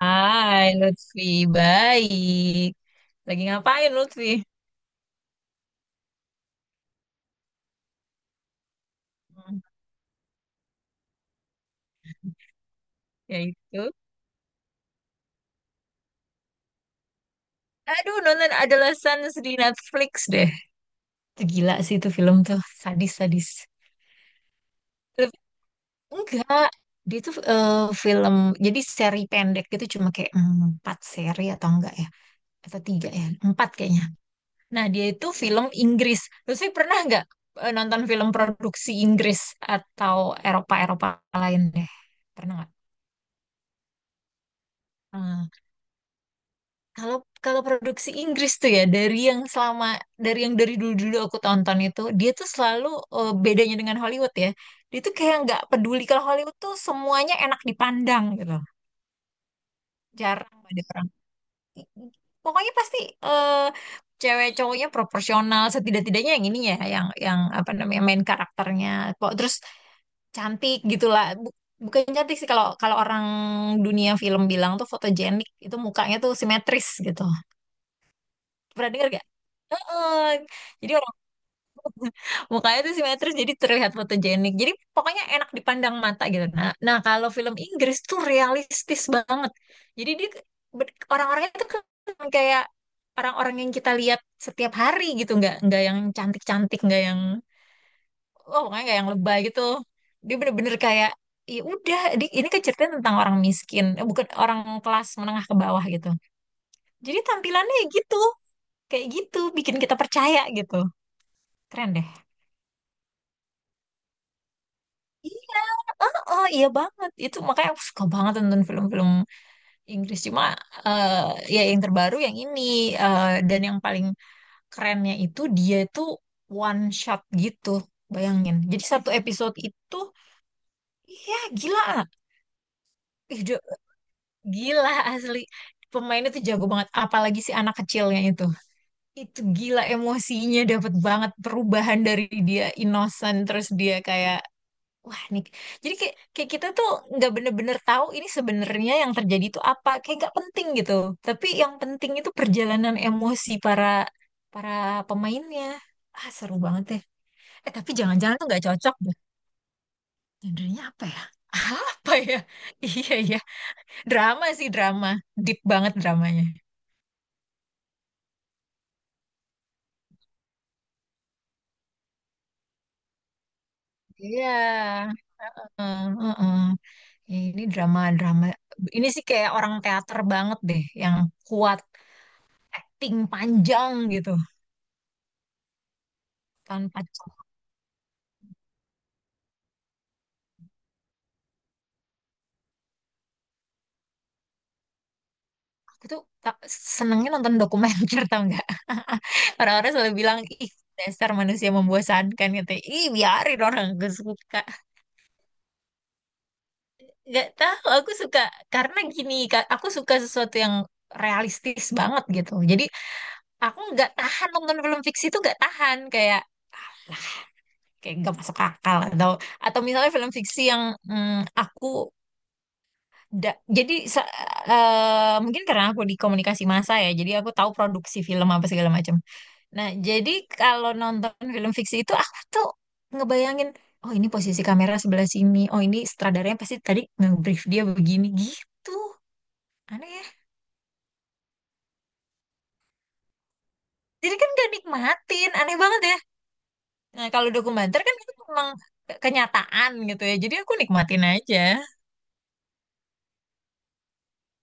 Hai Lutfi, baik. Lagi ngapain Lutfi? Hmm. Ya itu. Aduh, nonton Adolescence di Netflix deh. Itu gila sih, itu film tuh sadis-sadis. Lebih- Enggak, dia tuh film, jadi seri pendek gitu, cuma kayak empat seri atau enggak ya? Atau tiga ya? Empat kayaknya. Nah, dia itu film Inggris. Lutfi pernah enggak nonton film produksi Inggris atau Eropa-Eropa lain deh? Pernah enggak? Hmm. Kalau kalau produksi Inggris tuh, ya dari yang selama, dari yang dari dulu-dulu aku tonton, itu dia tuh selalu bedanya dengan Hollywood ya. Dia tuh kayak nggak peduli, kalau Hollywood tuh semuanya enak dipandang gitu. Jarang ada orang. Pokoknya pasti eh, cewek cowoknya proporsional, setidak-tidaknya yang ini ya, yang apa namanya, main karakternya. Kok terus cantik gitulah. Bukan cantik sih, kalau kalau orang dunia film bilang tuh fotogenik, itu mukanya tuh simetris gitu. Pernah dengar? Heeh. Jadi orang mukanya tuh simetris jadi terlihat fotogenik. Jadi pokoknya enak dipandang mata gitu. Nah, kalau film Inggris tuh realistis banget. Jadi dia ke- ber- orang-orangnya tuh ke- kayak orang-orang yang kita lihat setiap hari gitu, nggak yang cantik-cantik, nggak yang oh pokoknya nggak yang lebay gitu. Dia bener-bener kayak ya udah di- ini kan ceritanya tentang orang miskin, eh, bukan orang kelas menengah ke bawah gitu. Jadi tampilannya ya gitu, kayak gitu bikin kita percaya gitu. Keren deh. Oh iya banget itu, makanya aku suka banget nonton film-film Inggris, cuma eh, ya yang terbaru yang ini, dan yang paling kerennya itu, dia itu one shot gitu, bayangin jadi satu episode itu ya gila. Ih, Jo- gila asli, pemainnya tuh jago banget, apalagi si anak kecilnya itu gila, emosinya dapat banget, perubahan dari dia innocent terus dia kayak wah nih. Jadi kayak kita tuh nggak bener-bener tahu ini sebenarnya yang terjadi itu apa. Kayak nggak penting gitu. Tapi yang penting itu perjalanan emosi para para pemainnya. Ah, seru banget ya. Tapi jangan-jangan tuh nggak cocok deh. Genrenya apa ya? Apa ya? Iya, iya. Drama sih, drama. Deep banget dramanya. Iya. Heeh, heeh. Ini drama-drama. Ini sih kayak orang teater banget deh. Yang kuat, ting panjang gitu. Tanpa itu, ta- senengnya nonton dokumenter tau nggak. Orang-orang selalu bilang, ih dasar manusia membosankan gitu, ih biarin, orang gue suka. Nggak tahu, aku suka. Karena gini Kak, aku suka sesuatu yang realistis banget gitu, jadi aku nggak tahan nonton film fiksi, itu nggak tahan, kayak lah kayak nggak masuk akal, atau misalnya film fiksi yang mm, aku da- jadi sa- mungkin karena aku di komunikasi massa ya, jadi aku tahu produksi film apa segala macam. Nah, jadi kalau nonton film fiksi itu aku tuh ngebayangin, oh ini posisi kamera sebelah sini, oh ini sutradaranya pasti tadi nge-brief dia begini gitu. Aneh ya. Jadi kan gak nikmatin, aneh banget ya. Nah, kalau dokumenter kan itu memang ke- kenyataan gitu ya, jadi aku nikmatin aja.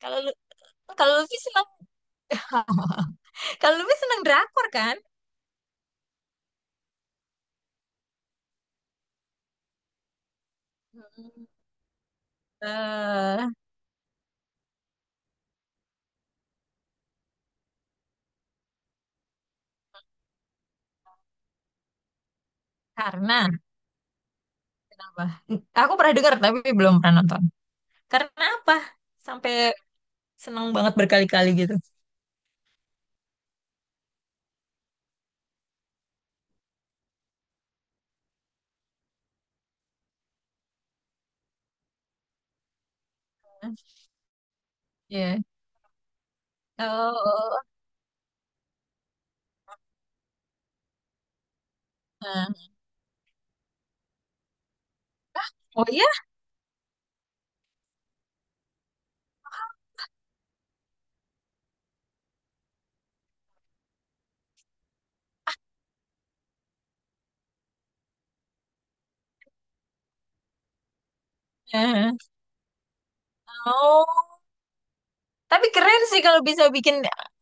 Kalau lu kalau Luffy senang, kalau Luffy senang drakor kan? mm eh karena apa? Aku pernah dengar tapi belum pernah nonton. Karena apa? Sampai senang banget berkali-kali gitu. Ya. Oh, oh, oh. Nah. Oh, ya. Eh. Oh, tapi keren sih kalau bisa bikin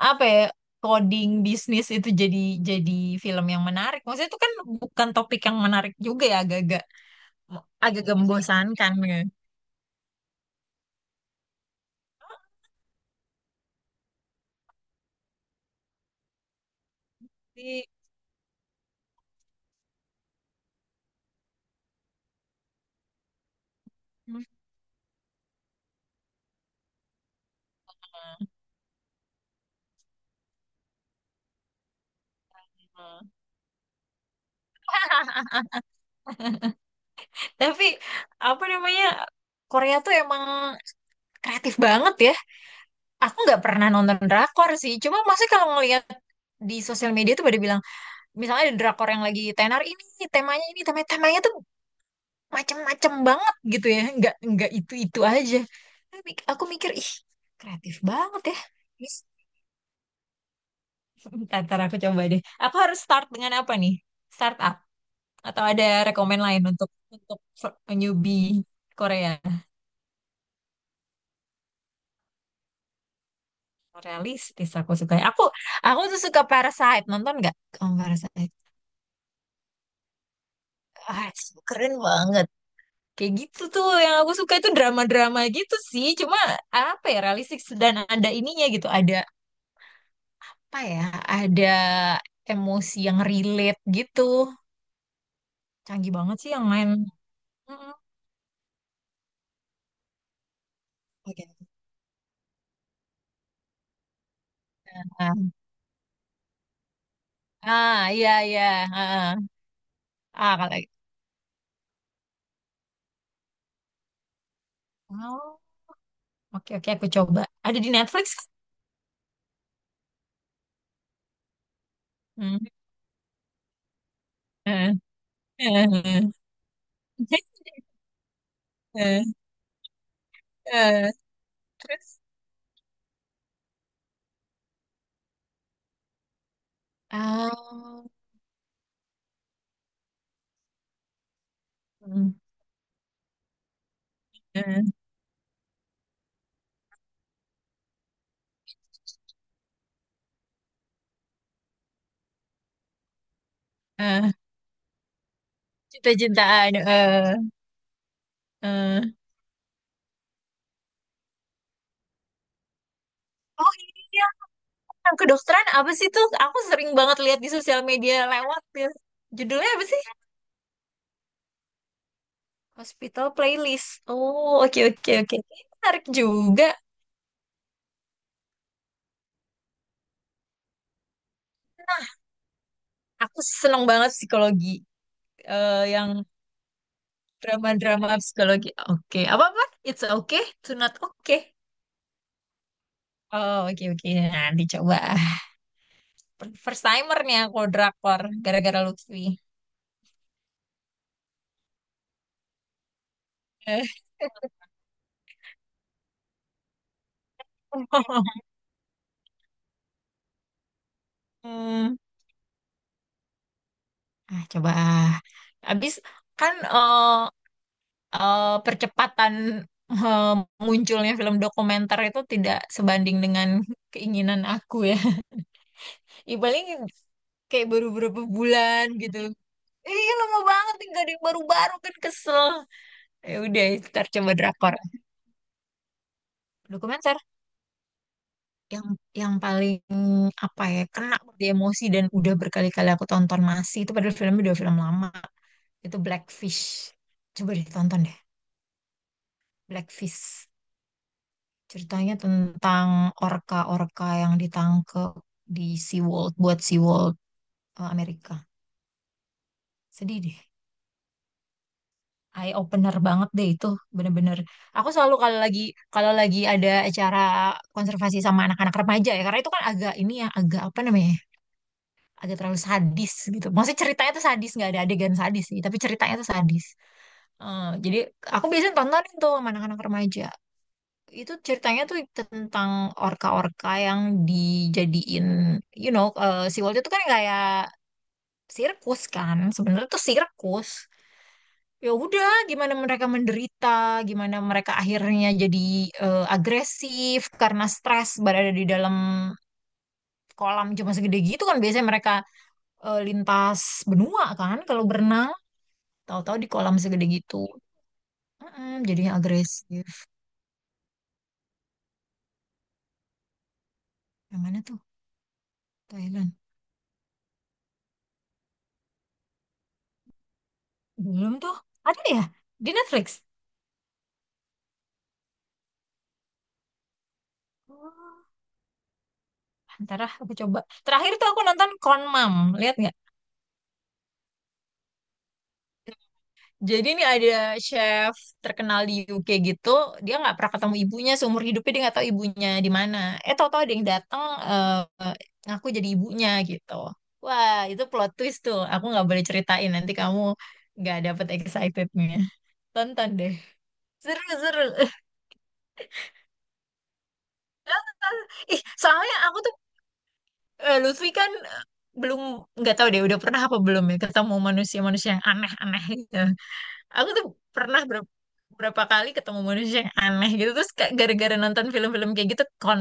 apa ya, coding bisnis itu jadi film yang menarik. Maksudnya itu kan bukan topik yang menarik juga ya, agak-agak membosankan ya. Tapi- Tapi apa namanya, Korea tuh emang kreatif banget ya. Aku nggak pernah nonton drakor sih, cuma maksudnya kalau ngelihat di sosial media tuh pada bilang, misalnya ada drakor yang lagi tenar ini temanya ini, temanya temanya tuh macem-macem banget gitu ya, nggak itu itu aja. Aku mikir ih kreatif banget ya. Terus ntar ntar aku coba deh, aku harus start dengan apa nih, startup atau ada rekomend lain untuk newbie Korea? Realistis aku suka, aku tuh suka Parasite, nonton nggak kamu Parasite? So keren banget, kayak gitu tuh yang aku suka, itu drama-drama gitu sih, cuma apa ya, realistis dan ada ininya gitu, ada apa ya, ada emosi yang relate gitu. Canggih banget sih yang main. Mm-mm. Oke. ah iya, iya, ah, ah Ah, kalau oh, oke oke aku coba. Ada di Netflix? Hmm. Eh, eh, eh, eh, eh. Terus ah hmm, eh, eh, cinta-cintaan eh. Oh iya, yang kedokteran apa sih tuh, aku sering banget lihat di sosial media lewat ya, judulnya apa sih? Hospital playlist. Oh, oke oke oke. Ini menarik juga. Nah, aku seneng banget psikologi. Yang drama-drama psikologi. Oke. Apa-apa? It's okay to not okay. Oh, oke oke. Nanti coba. First timer nih aku drakor gara-gara Lutfi. Eh, Hmm. Ah, coba. Habis kan percepatan eh, munculnya film dokumenter itu tidak sebanding dengan keinginan aku ya. Ya paling kayak baru berapa bulan gitu. Iya lama banget nih, gak ada yang baru-baru, kan kesel. Ya udah, ntar coba drakor. Dokumenter yang yang paling apa ya kena di emosi, dan udah berkali-kali aku tonton masih itu, padahal filmnya udah film lama. Itu Blackfish. Coba ditonton deh, Blackfish. Ceritanya tentang orka-orka yang ditangkep di SeaWorld, buat SeaWorld Amerika. Sedih deh. Eye opener banget deh itu, bener-bener. Aku selalu kalau lagi ada acara konservasi sama anak-anak remaja ya, karena itu kan agak ini ya, agak apa namanya ya, agak terlalu sadis gitu, maksudnya ceritanya tuh sadis, nggak ada adegan sadis sih tapi ceritanya tuh sadis. Jadi aku biasanya tontonin tuh sama anak-anak remaja. Itu ceritanya tuh tentang orka-orka yang dijadiin si itu kan kayak sirkus kan, sebenarnya tuh sirkus. Ya udah, gimana mereka menderita, gimana mereka akhirnya jadi agresif karena stres berada di dalam kolam cuma segede gitu kan, biasanya mereka lintas benua kan kalau berenang, tahu-tahu di kolam segede gitu. Mm-mm, jadinya agresif. Yang mana tuh? Thailand, belum tuh. Ada ya di Netflix? Oh, ntar aku coba. Terakhir tuh aku nonton Kon Mam. Lihat, jadi ini ada chef terkenal di UK gitu, dia nggak pernah ketemu ibunya seumur hidupnya, dia nggak tahu ibunya di mana. Eh, tahu-tahu ada yang datang eh, ngaku jadi ibunya gitu. Wah itu plot twist tuh. Aku nggak boleh ceritain, nanti kamu nggak dapet excitednya. Tonton deh. Seru seru. Ih, soalnya aku tuh Lutfi kan belum, nggak tahu deh udah pernah apa belum ya ketemu manusia-manusia yang aneh-aneh gitu. Aku tuh pernah ber- berapa kali ketemu manusia yang aneh gitu, terus kayak gara-gara nonton film-film kayak gitu, Con,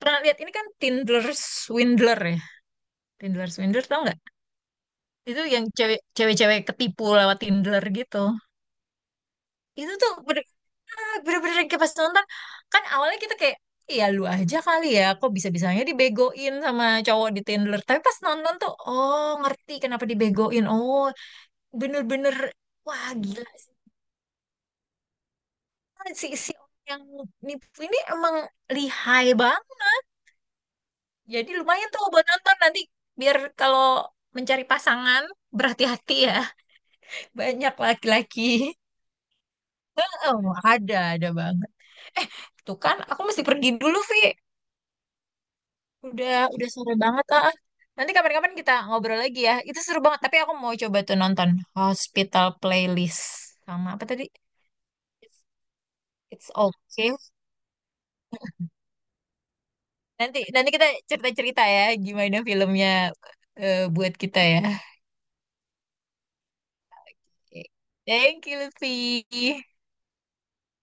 pernah lihat ini kan Tinder Swindler ya? Tinder Swindler tau nggak? Itu yang cewek-cewek ketipu lewat Tinder gitu. Itu tuh bener-bener kayak pas nonton, kan awalnya kita kayak, iya lu aja kali ya, kok bisa-bisanya dibegoin sama cowok di Tinder. Tapi pas nonton tuh, oh ngerti kenapa dibegoin. Oh bener-bener, wah gila. Kan si si orang yang nipu ini emang lihai bang. Jadi lumayan tuh buat nonton nanti, biar kalau mencari pasangan berhati-hati ya. Banyak laki-laki. Oh, ada banget. Eh, tuh kan aku mesti pergi dulu, Vi. Udah sore banget ah. Nanti kapan-kapan kita ngobrol lagi ya. Itu seru banget, tapi aku mau coba tuh nonton Hospital Playlist sama apa tadi? It's, it's okay. Nanti nanti kita cerita-cerita ya gimana filmnya buat kita ya. Thank you, Lutfi.